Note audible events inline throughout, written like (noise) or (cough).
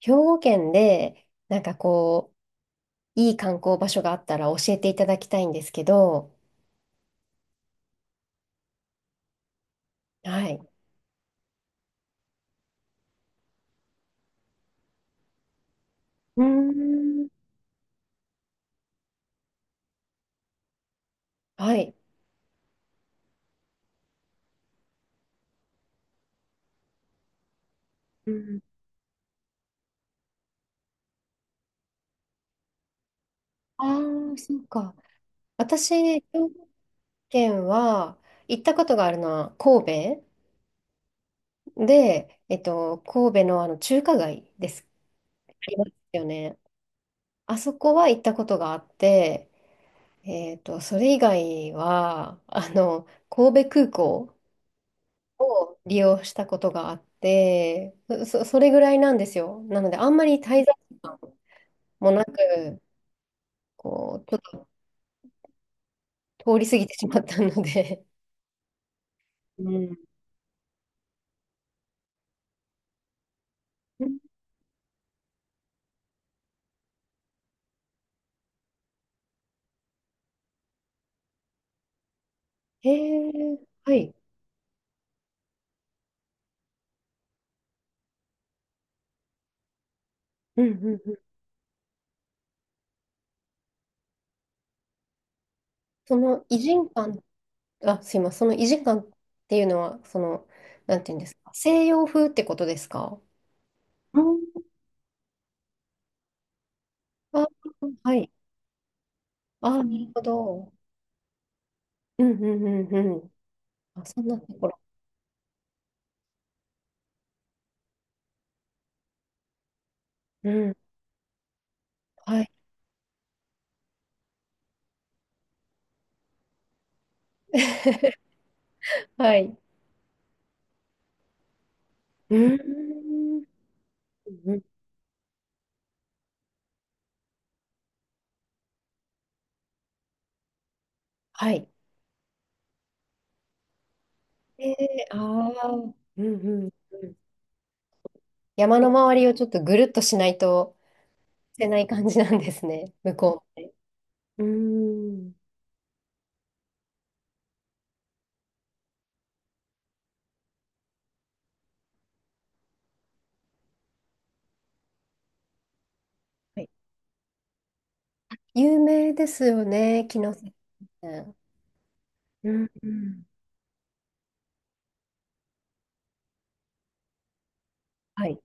兵庫県で、なんかこう、いい観光場所があったら教えていただきたいんですけど。はい。うーん。はい。うん。ああ、そうか。私、兵庫県は行ったことがあるのは神戸で、神戸のあの中華街です。ありますよね。あそこは行ったことがあって、それ以外は、神戸空港。利用したことがあって、それぐらいなんですよ。なので、あんまり滞在時間もなく、こう、ちょっと通り過ぎてしまったので。うん。へえ、はい。うんうんうん。その異人感、あ、すいません、その異人感っていうのは、なんていうんですか、西洋風ってことですか？うん。あ、はい。あ、なるほど。うんうんうんうん。あ、そんなところ。うん。はい。(laughs) はい。うん。うん。はい。えーああ。うんうんうん。山の周りをちょっとぐるっとしないと捨てない感じなんですね、向こうって。うーん。はい。有名ですよね、木の先。うん、うん。はい。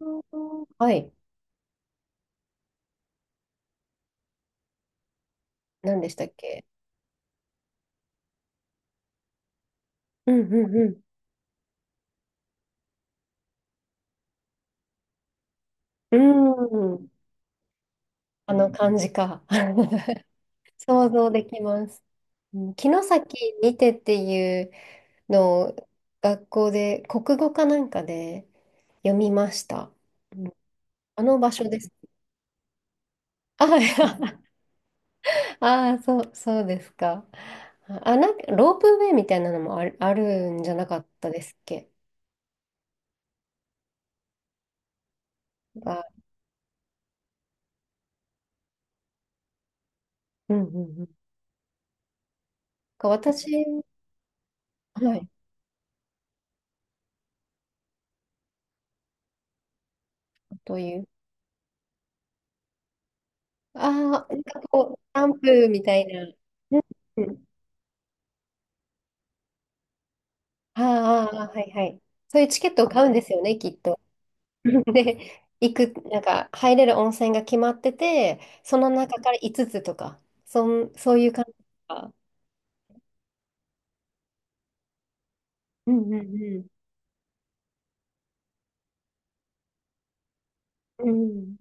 うん。はいはい。何でしたっけ？うんうんうん。うーん。あの感じか。(laughs) 想像できます。うん。城崎にてっていうの、学校で国語かなんかで読みました。うん。あの場所です。あ、はい。 (laughs) あー、そうですか。あ、なんかロープウェイみたいなのもあるんじゃなかったですっけ？あ、うんうんうん。か私、はい、という。ああ、なんかこう、キャンプみたいな。うん。あーあー、あー、はいはい。そういうチケットを買うんですよね、きっと。(laughs) で、行く、なんか入れる温泉が決まってて、その中から5つとか、そういう感じとか。うんうんうん。うん。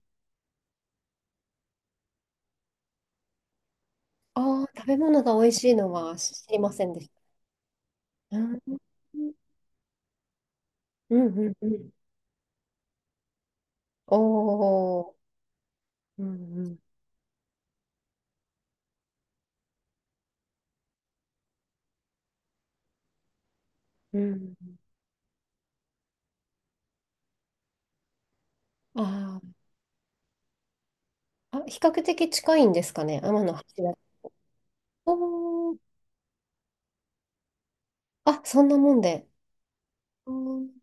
ああ、食べ物が美味しいのは知りませんでした。うんうんうんうん。おお。うんうんうん。あーあ、比較的近いんですかね、天橋立。おお。あ、そんなもんで。うん。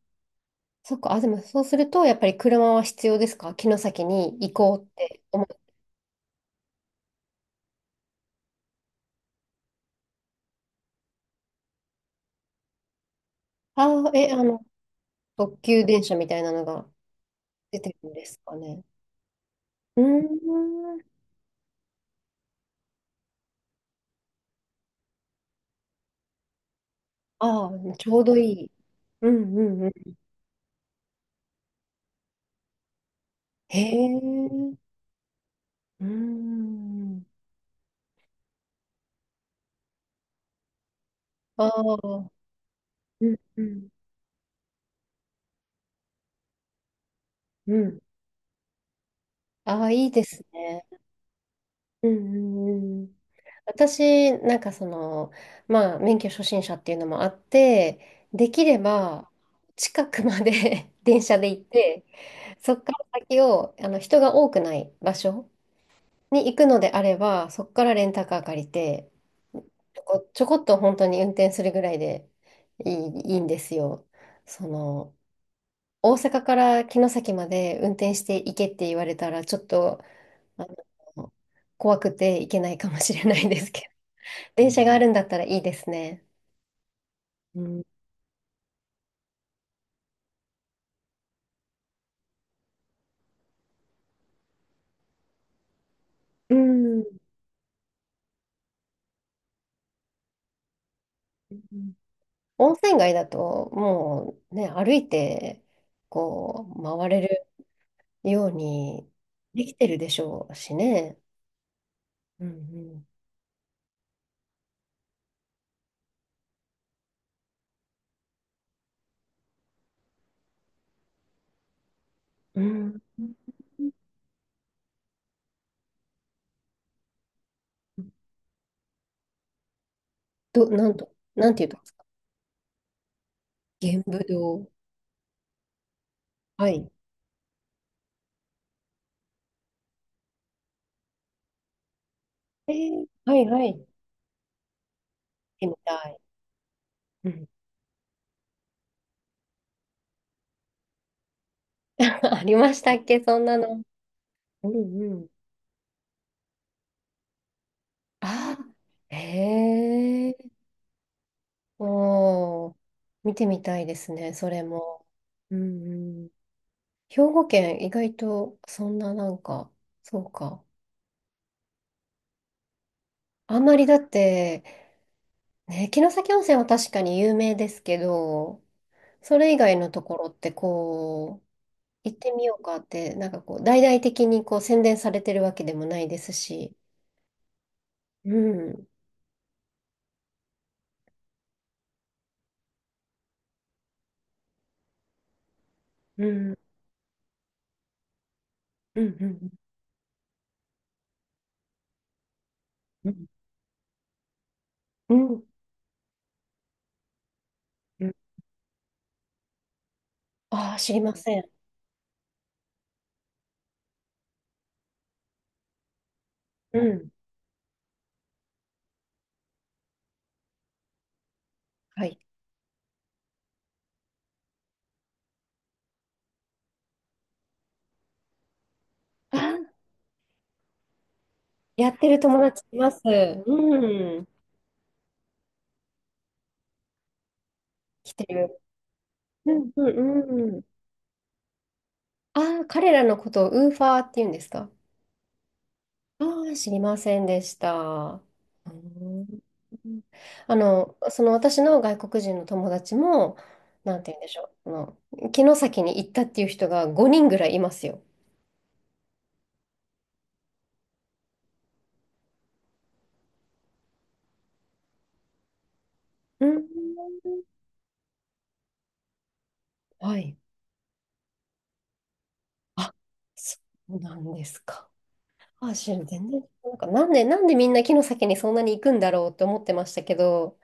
そっか。あ、でもそうすると、やっぱり車は必要ですか？城崎に行こうって。ああ、え、特急電車みたいなのが出てるんですかね。うーん。ああ、ちょうどいい。うんうんうん。へえ。うーん。ああ、うんうんうん。ああ、いいですね。うんうんうん。私、なんかまあ、免許初心者っていうのもあって、できれば、近くまで (laughs) 電車で行って、そこから先を、人が多くない場所に行くのであれば、そこからレンタカー借りて、ちょこっと本当に運転するぐらいでいいんですよ。その、大阪から城崎まで運転して行けって言われたら、ちょっと、あの、怖くて行けないかもしれないですけど、(laughs) 電車があるんだったらいいですね。うん。うん。温泉街だと、もうね、歩いて、こう、回れるようにできてるでしょうしね。うんうんうん。ど、なんと、なんていうと、玄武洞。はい。はいはい。行ってみたい。うん。(laughs) ありましたっけ、そんなの。うんうん。ああ、へえ。おー、見てみたいですね、それも。うんうん。兵庫県、意外とそんななんか、そうか。あんまりだって、ね、城崎温泉は確かに有名ですけど、それ以外のところって行ってみようかって、なんかこう、大々的にこう宣伝されてるわけでもないですし。うん、うん、うん、うん、うん。うん、うん。ああ、知りません。うん、はい。ああ、やってる友達います。うん、来てる。うん、うん、うん。ああ、彼らのことをウーファーって言うんですか？ああ、知りませんでした。うん。あの、私の外国人の友達も、なんて言うんでしょう、城崎に行ったっていう人が5人ぐらいいますよ。うん。はい。あ、そうなんですか。あ、全然、なんか、なんでみんな城崎にそんなに行くんだろうって思ってましたけど、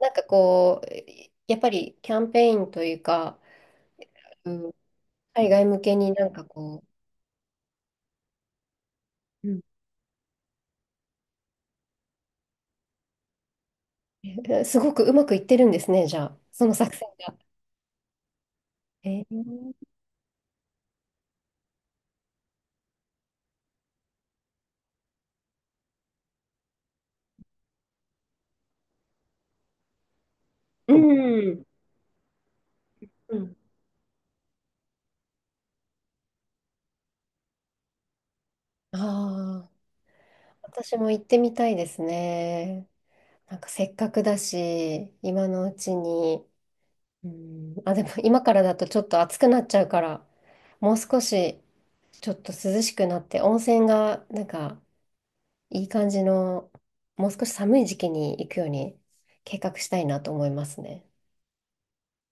なんかこう、やっぱりキャンペーンというか、うん、海外向けになんかこう、えすごくうまくいってるんですね、じゃあ、その作戦が。えー、うん。うん。ああ、私も行ってみたいですね。なんかせっかくだし、今のうちに。うん、あ、でも今からだとちょっと暑くなっちゃうから、もう少しちょっと涼しくなって、温泉がなんかいい感じの、もう少し寒い時期に行くように計画したいなと思いますね。